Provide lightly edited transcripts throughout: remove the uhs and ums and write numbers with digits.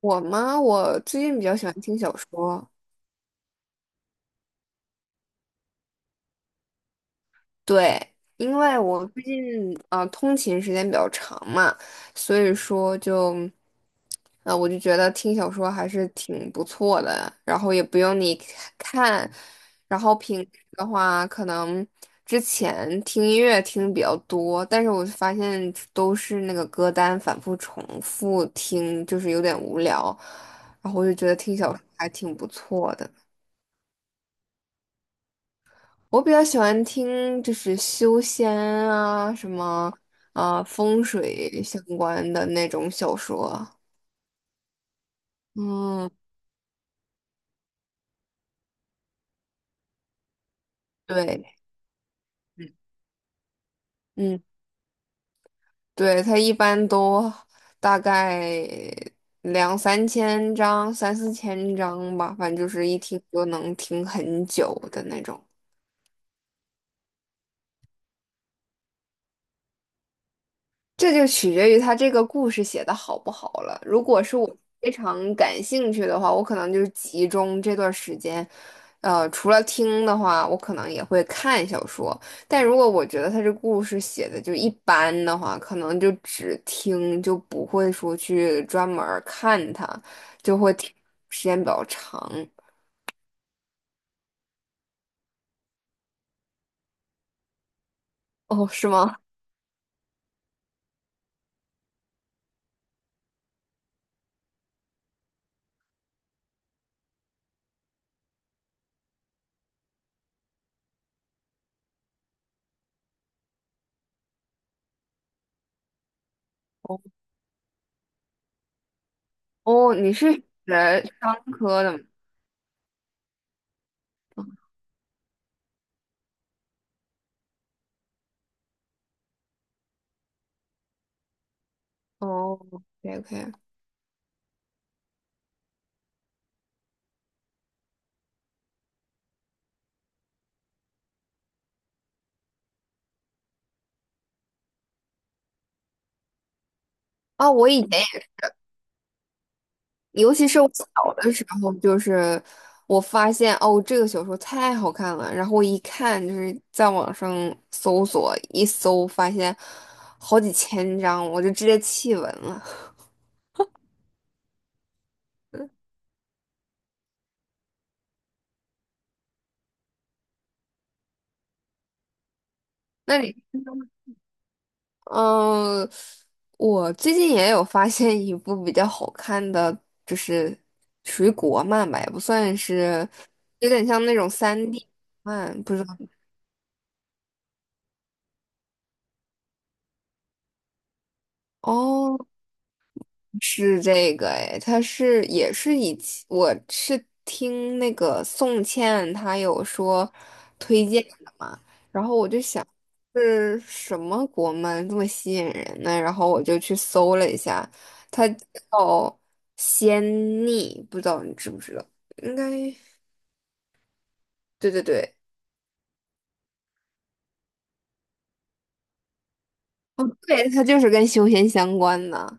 我吗？我最近比较喜欢听小说，对，因为我最近通勤时间比较长嘛，所以说就，我就觉得听小说还是挺不错的，然后也不用你看，然后平时的话可能之前听音乐听的比较多，但是我发现都是那个歌单反复重复听，就是有点无聊，然后我就觉得听小说还挺不错的。我比较喜欢听就是修仙啊，什么啊、风水相关的那种小说。嗯，对，嗯，对，它一般都大概两三千章、三四千章吧，反正就是一听就能听很久的那种。这就取决于他这个故事写的好不好了。如果是我非常感兴趣的话，我可能就是集中这段时间，除了听的话，我可能也会看小说。但如果我觉得他这故事写的就一般的话，可能就只听，就不会说去专门儿看它，就会停时间比较长。哦，是吗？哦，你是学商科的吗？哦，OK OK。啊，我以前也尤其是我小的时候，就是我发现哦，这个小说太好看了，然后我一看就是在网上搜索，一搜发现好几千章，我就直接弃文了。那你，嗯，我最近也有发现一部比较好看的，就是属于国漫吧，也不算是，有点像那种三 d 漫，不知道哦。是这个哎，他是也是以前我是听那个宋茜她有说推荐的嘛，然后我就想是什么国漫这么吸引人呢？然后我就去搜了一下，它叫《仙逆》，不知道你知不知道？应该对对对对，它就是跟修仙相关的。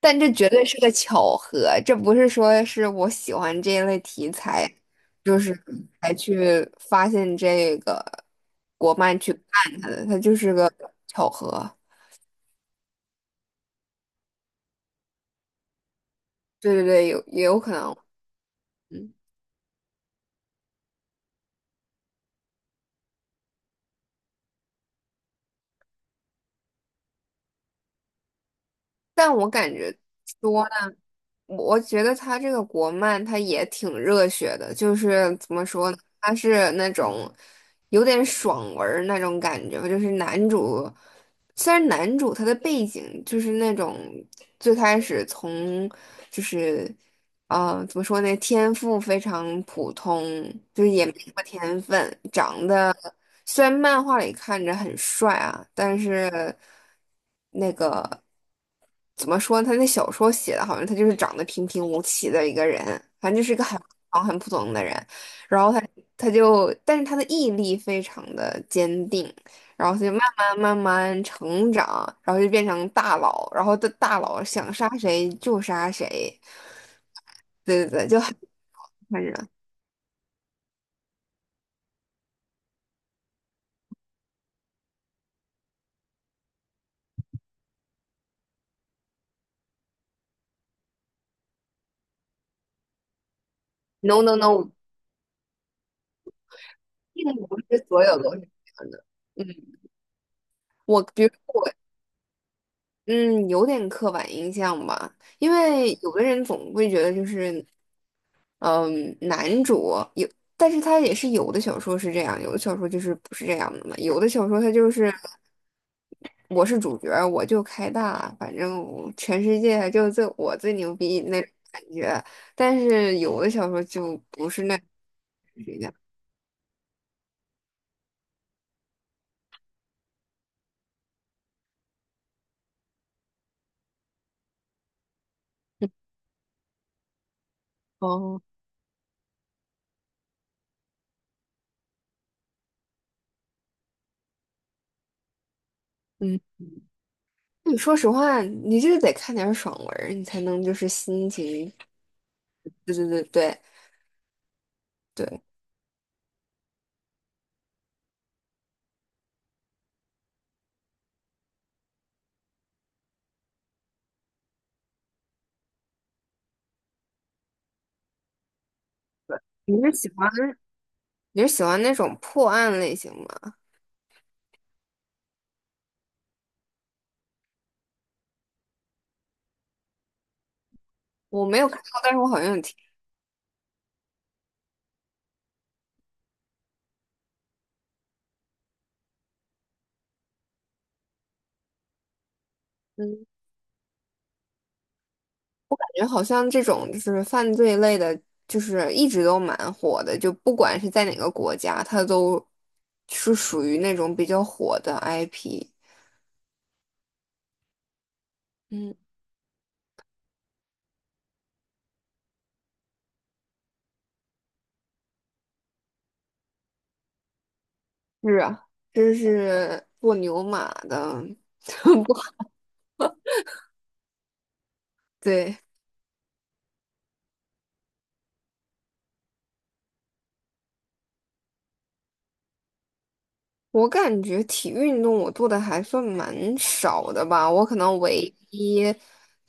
但这绝对是个巧合，这不是说是我喜欢这一类题材，就是才去发现这个国漫去看它的，它就是个巧合。对对对，有也有可能，嗯，但我感觉说呢。我觉得他这个国漫他也挺热血的，就是怎么说呢，他是那种有点爽文儿那种感觉吧，就是男主，虽然男主他的背景就是那种最开始从就是怎么说呢，天赋非常普通，就是也没什么天分，长得。虽然漫画里看着很帅啊，但是那个怎么说呢他那小说写的好像他就是长得平平无奇的一个人，反正就是一个很普通很普通的人。然后他就，但是他的毅力非常的坚定，然后他就慢慢慢慢成长，然后就变成大佬，然后的大佬想杀谁就杀谁，对对对，就很看着 no no no，并不是所有都是这样的。嗯，我比如说。我。嗯，有点刻板印象吧，因为有的人总会觉得就是，嗯，男主有，但是他也是有的小说是这样，有的小说就是不是这样的嘛，有的小说他就是我是主角儿我就开大，反正我全世界就这我最牛逼那种感觉，但是有的小说就不是那这样。哦，嗯，你说实话，你就是得看点儿爽文儿你才能就是心情，对对对对对。你是喜欢。你是喜欢那种破案类型吗？我没有看过，但是我好像有听，嗯，感觉好像这种就是犯罪类的，就是一直都蛮火的，就不管是在哪个国家，它都是属于那种比较火的 IP。嗯，是啊，这是做牛马的，不，对。我感觉体育运动我做的还算蛮少的吧，我可能唯一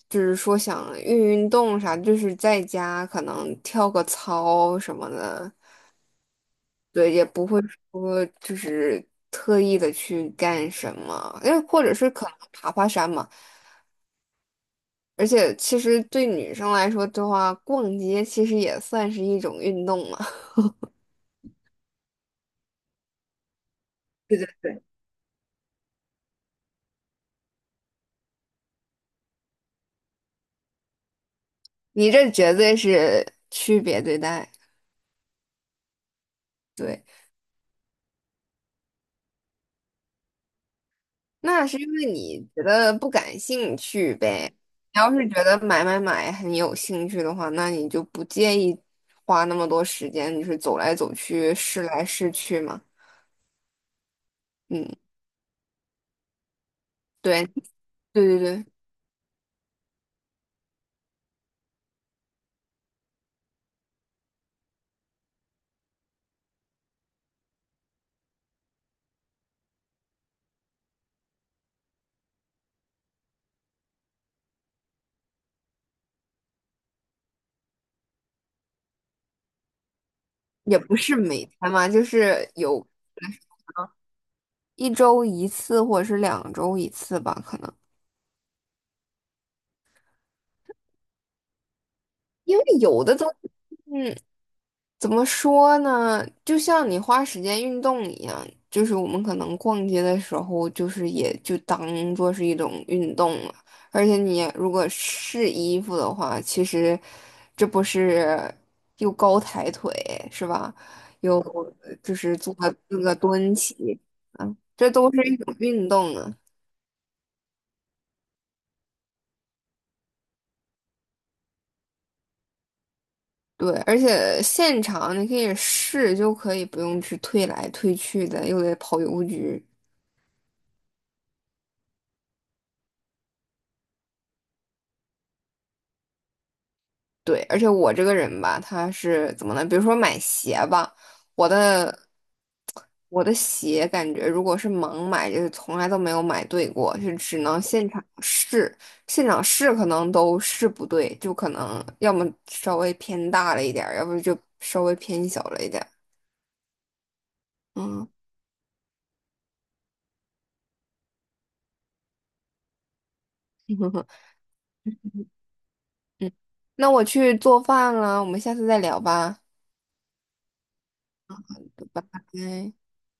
就是说想运动啥，就是在家可能跳个操什么的，对，也不会说就是特意的去干什么，因为或者是可能爬爬山嘛。而且其实对女生来说的话，逛街其实也算是一种运动嘛。对对对，你这绝对是区别对待，对。那是因为你觉得不感兴趣呗。你要是觉得买买买很有兴趣的话，那你就不介意花那么多时间，就是走来走去、试来试去嘛。嗯，对，对对对，也不是每天嘛，就是有一周一次或者是两周一次吧，可能。因为有的都。怎么说呢？就像你花时间运动一样，就是我们可能逛街的时候，就是也就当做是一种运动了。而且你如果试衣服的话，其实这不是又高抬腿是吧？又就是做个蹲起，啊，这都是一种运动啊。对，而且现场你可以试，就可以不用去退来退去的，又得跑邮局。对，而且我这个人吧，他是怎么呢？比如说买鞋吧，我的我的鞋感觉如果是盲买，就是从来都没有买对过，就只能现场试，现场试可能都试不对，就可能要么稍微偏大了一点儿，要不就稍微偏小了一点儿。嗯 嗯，那我去做饭了，我们下次再聊吧，拜拜。